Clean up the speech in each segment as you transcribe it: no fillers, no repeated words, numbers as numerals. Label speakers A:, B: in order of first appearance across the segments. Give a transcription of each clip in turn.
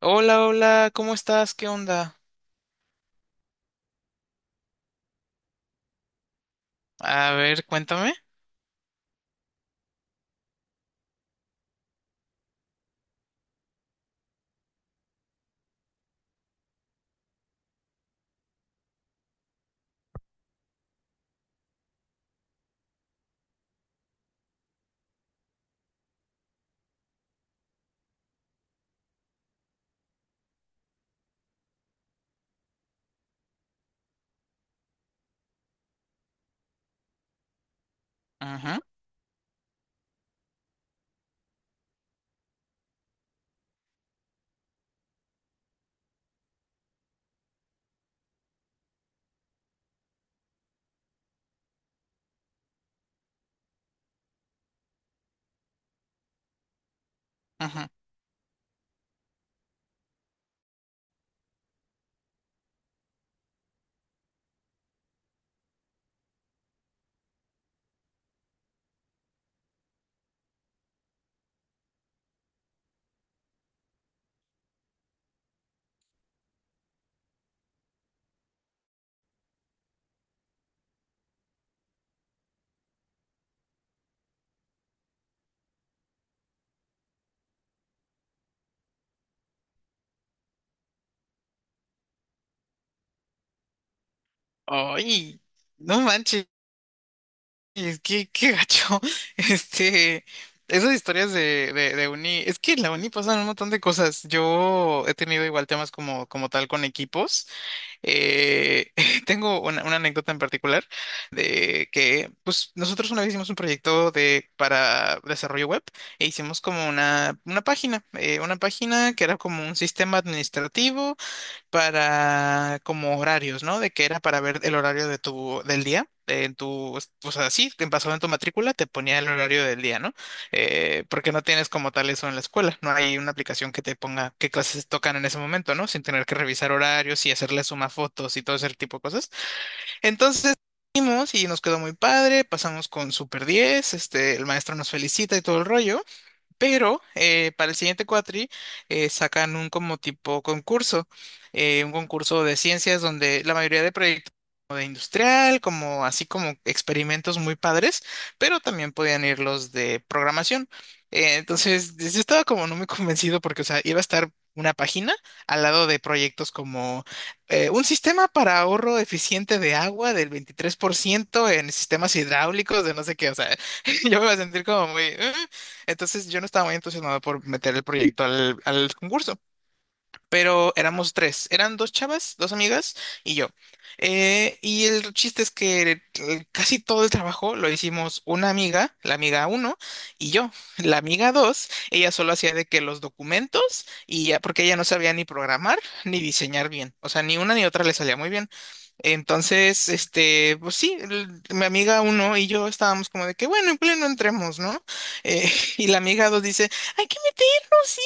A: Hola, hola, ¿cómo estás? ¿Qué onda? A ver, cuéntame. Ajá, ajá. Ay, no manches, qué gacho. Este, esas historias de uni, es que en la uni pasan un montón de cosas. Yo he tenido igual temas como tal con equipos. Eh, tengo una anécdota en particular de que, pues, nosotros una vez hicimos un proyecto para desarrollo web e hicimos como una página que era como un sistema administrativo para como horarios, ¿no? De que era para ver el horario de tu del día. En tu, o sea, sí, te pasado en tu matrícula, te ponía el horario del día, ¿no? Porque no tienes como tal eso en la escuela. No hay una aplicación que te ponga qué clases tocan en ese momento, ¿no? Sin tener que revisar horarios y hacerle suma fotos y todo ese tipo de cosas. Entonces, fuimos y nos quedó muy padre, pasamos con Super 10, este, el maestro nos felicita y todo el rollo. Pero para el siguiente cuatri sacan un como tipo concurso, un concurso de ciencias donde la mayoría de proyectos como de industrial, como así como experimentos muy padres, pero también podían ir los de programación. Entonces, yo estaba como no muy convencido porque, o sea, iba a estar una página al lado de proyectos como un sistema para ahorro eficiente de agua del 23% en sistemas hidráulicos, de no sé qué, o sea, yo me iba a sentir como muy...". Entonces yo no estaba muy entusiasmado por meter el proyecto al concurso, pero éramos tres, eran dos chavas, dos amigas y yo. Y el chiste es que casi todo el trabajo lo hicimos una amiga, la amiga uno, y yo, la amiga dos, ella solo hacía de que los documentos y ya, porque ella no sabía ni programar ni diseñar bien, o sea, ni una ni otra le salía muy bien. Entonces, este, pues sí, mi amiga uno y yo estábamos como de que, bueno, en pleno entremos, ¿no? Eh, y la amiga dos dice, hay que meternos, sí.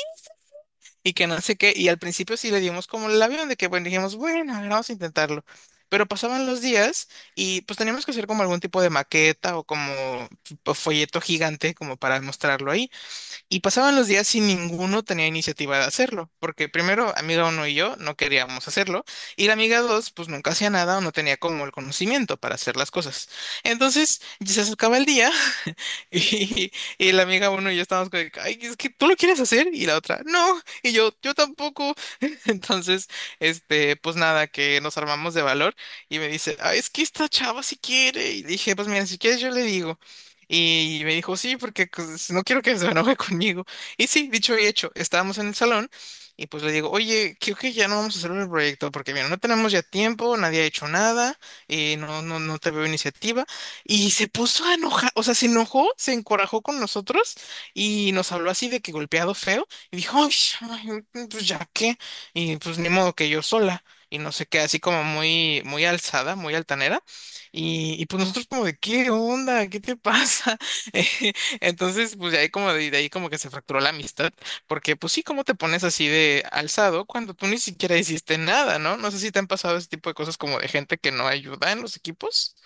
A: Y que no sé qué. Y al principio sí le dimos como el avión de que, bueno, dijimos, bueno, a ver, vamos a intentarlo. Pero pasaban los días y pues teníamos que hacer como algún tipo de maqueta o como folleto gigante como para mostrarlo ahí. Y pasaban los días sin ninguno tenía iniciativa de hacerlo, porque primero, amiga uno y yo no queríamos hacerlo, y la amiga dos, pues nunca hacía nada o no tenía como el conocimiento para hacer las cosas. Entonces, ya se acercaba el día. Y, y la amiga uno y yo estábamos como, de que, ay, es que tú lo quieres hacer y la otra, no, y yo tampoco. Entonces, este, pues nada, que nos armamos de valor y me dice, ay, es que esta chava si quiere. Y dije, pues mira, si quieres yo le digo. Y me dijo, sí, porque pues, si no quiero que se enoje conmigo. Y sí, dicho y hecho, estábamos en el salón y pues le digo, oye, creo que ya no vamos a hacer el proyecto porque mira, no tenemos ya tiempo, nadie ha hecho nada, y no, no, no te veo iniciativa. Y se puso a enojar, o sea, se enojó, se encorajó con nosotros y nos habló así de que golpeado feo. Y dijo, "Ay, ay, pues ya qué. Y pues ni modo que yo sola. Y no sé qué, así como muy, muy alzada, muy altanera. Y pues nosotros como de, ¿qué onda? ¿Qué te pasa? Eh, Entonces, pues de ahí como de ahí como que se fracturó la amistad. Porque pues sí, ¿cómo te pones así de alzado cuando tú ni siquiera hiciste nada, ¿no? No sé si te han pasado ese tipo de cosas como de gente que no ayuda en los equipos.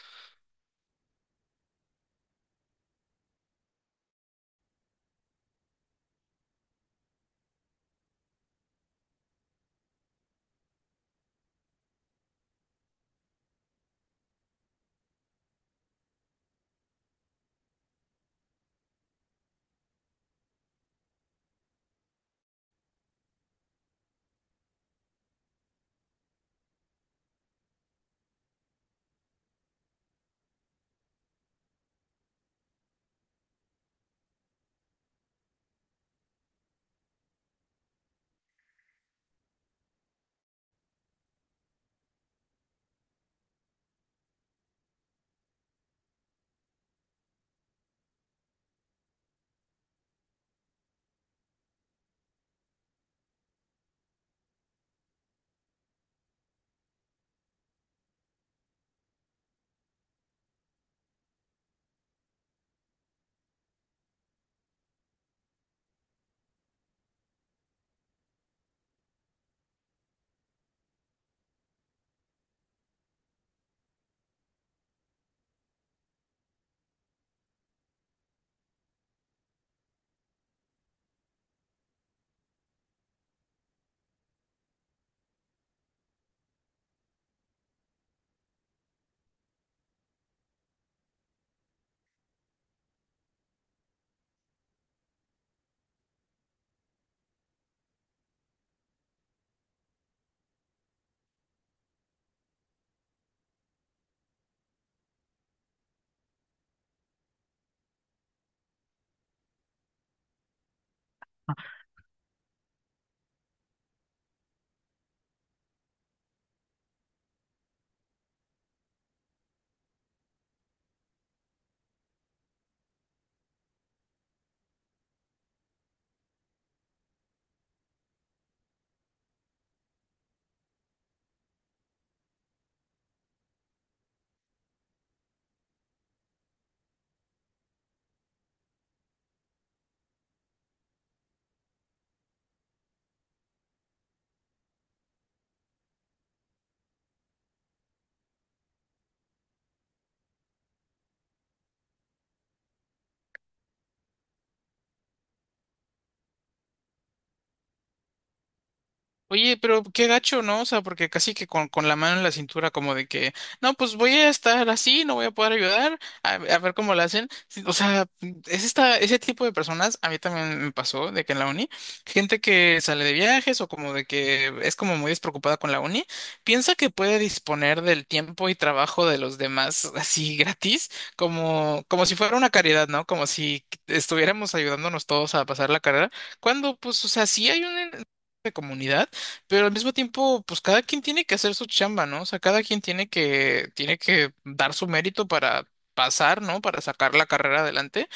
A: Oye, pero qué gacho, ¿no? O sea, porque casi que con la mano en la cintura, como de que, no, pues voy a estar así, no voy a poder ayudar, a ver cómo lo hacen. Sí, o sea, es esta, ese tipo de personas, a mí también me pasó de que en la uni, gente que sale de viajes o como de que es como muy despreocupada con la uni, piensa que puede disponer del tiempo y trabajo de los demás así gratis, como si fuera una caridad, ¿no? Como si estuviéramos ayudándonos todos a pasar la carrera, cuando, pues, o sea, sí hay un de comunidad, pero al mismo tiempo, pues cada quien tiene que hacer su chamba, ¿no? O sea, cada quien tiene que dar su mérito para pasar, ¿no? Para sacar la carrera adelante.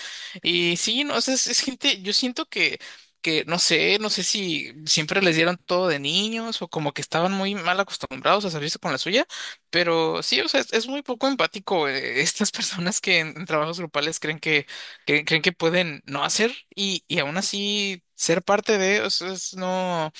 A: Y sí, no, o sea, es gente, yo siento que no sé si siempre les dieron todo de niños o como que estaban muy mal acostumbrados a salirse con la suya, pero sí, o sea, es muy poco empático, estas personas que en trabajos grupales creen que pueden no hacer y aún así ser parte de, o sea, es no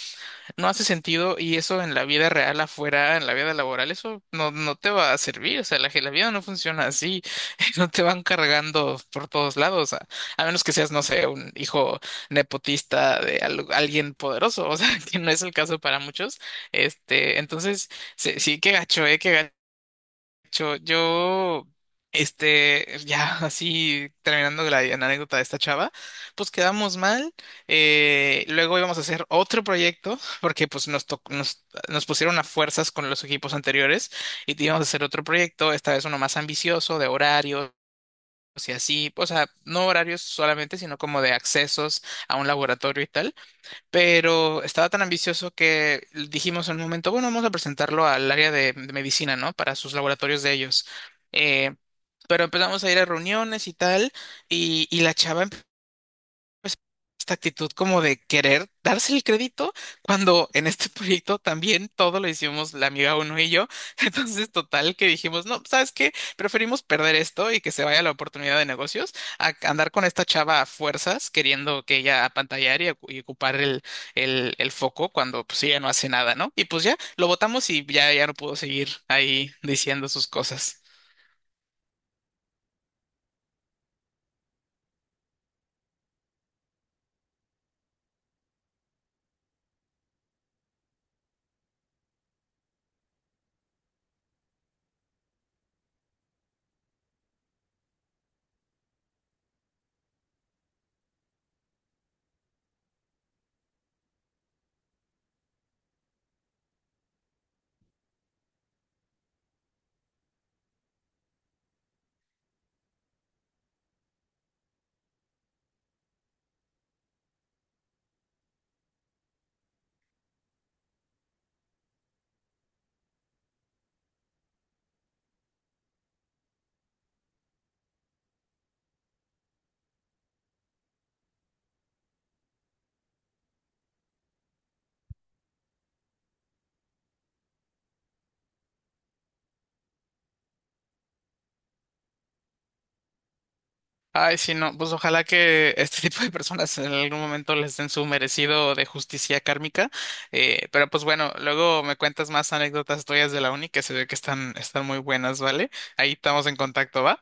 A: no hace sentido y eso en la vida real afuera, en la vida laboral, eso no te va a servir, o sea, la vida no funciona así, no te van cargando por todos lados, a menos que seas, no sé, un hijo nepotista de alguien poderoso, o sea, que no es el caso para muchos, este, entonces, sí, sí, qué gacho yo, este, ya. Así terminando la anécdota de esta chava, pues quedamos mal. Luego íbamos a hacer otro proyecto, porque pues nos pusieron a fuerzas con los equipos anteriores y íbamos a hacer otro proyecto, esta vez uno más ambicioso, de horarios y así, o sea, no horarios solamente, sino como de accesos a un laboratorio y tal, pero estaba tan ambicioso que dijimos en un momento, bueno, vamos a presentarlo al área de medicina, ¿no? Para sus laboratorios de ellos. Eh, pero empezamos a ir a reuniones y tal, y la chava pues, esta actitud como de querer darse el crédito cuando en este proyecto también todo lo hicimos la amiga uno y yo. Entonces, total que dijimos, no, ¿sabes qué? Preferimos perder esto y que se vaya la oportunidad de negocios a andar con esta chava a fuerzas queriendo que ella apantallar y ocupar el foco cuando pues ella no hace nada, ¿no? Y pues ya lo votamos y ya no pudo seguir ahí diciendo sus cosas. Ay, sí, no, pues ojalá que este tipo de personas en algún momento les den su merecido de justicia kármica. Pero pues bueno, luego me cuentas más anécdotas tuyas de la uni que se ve que están muy buenas, ¿vale? Ahí estamos en contacto, ¿va?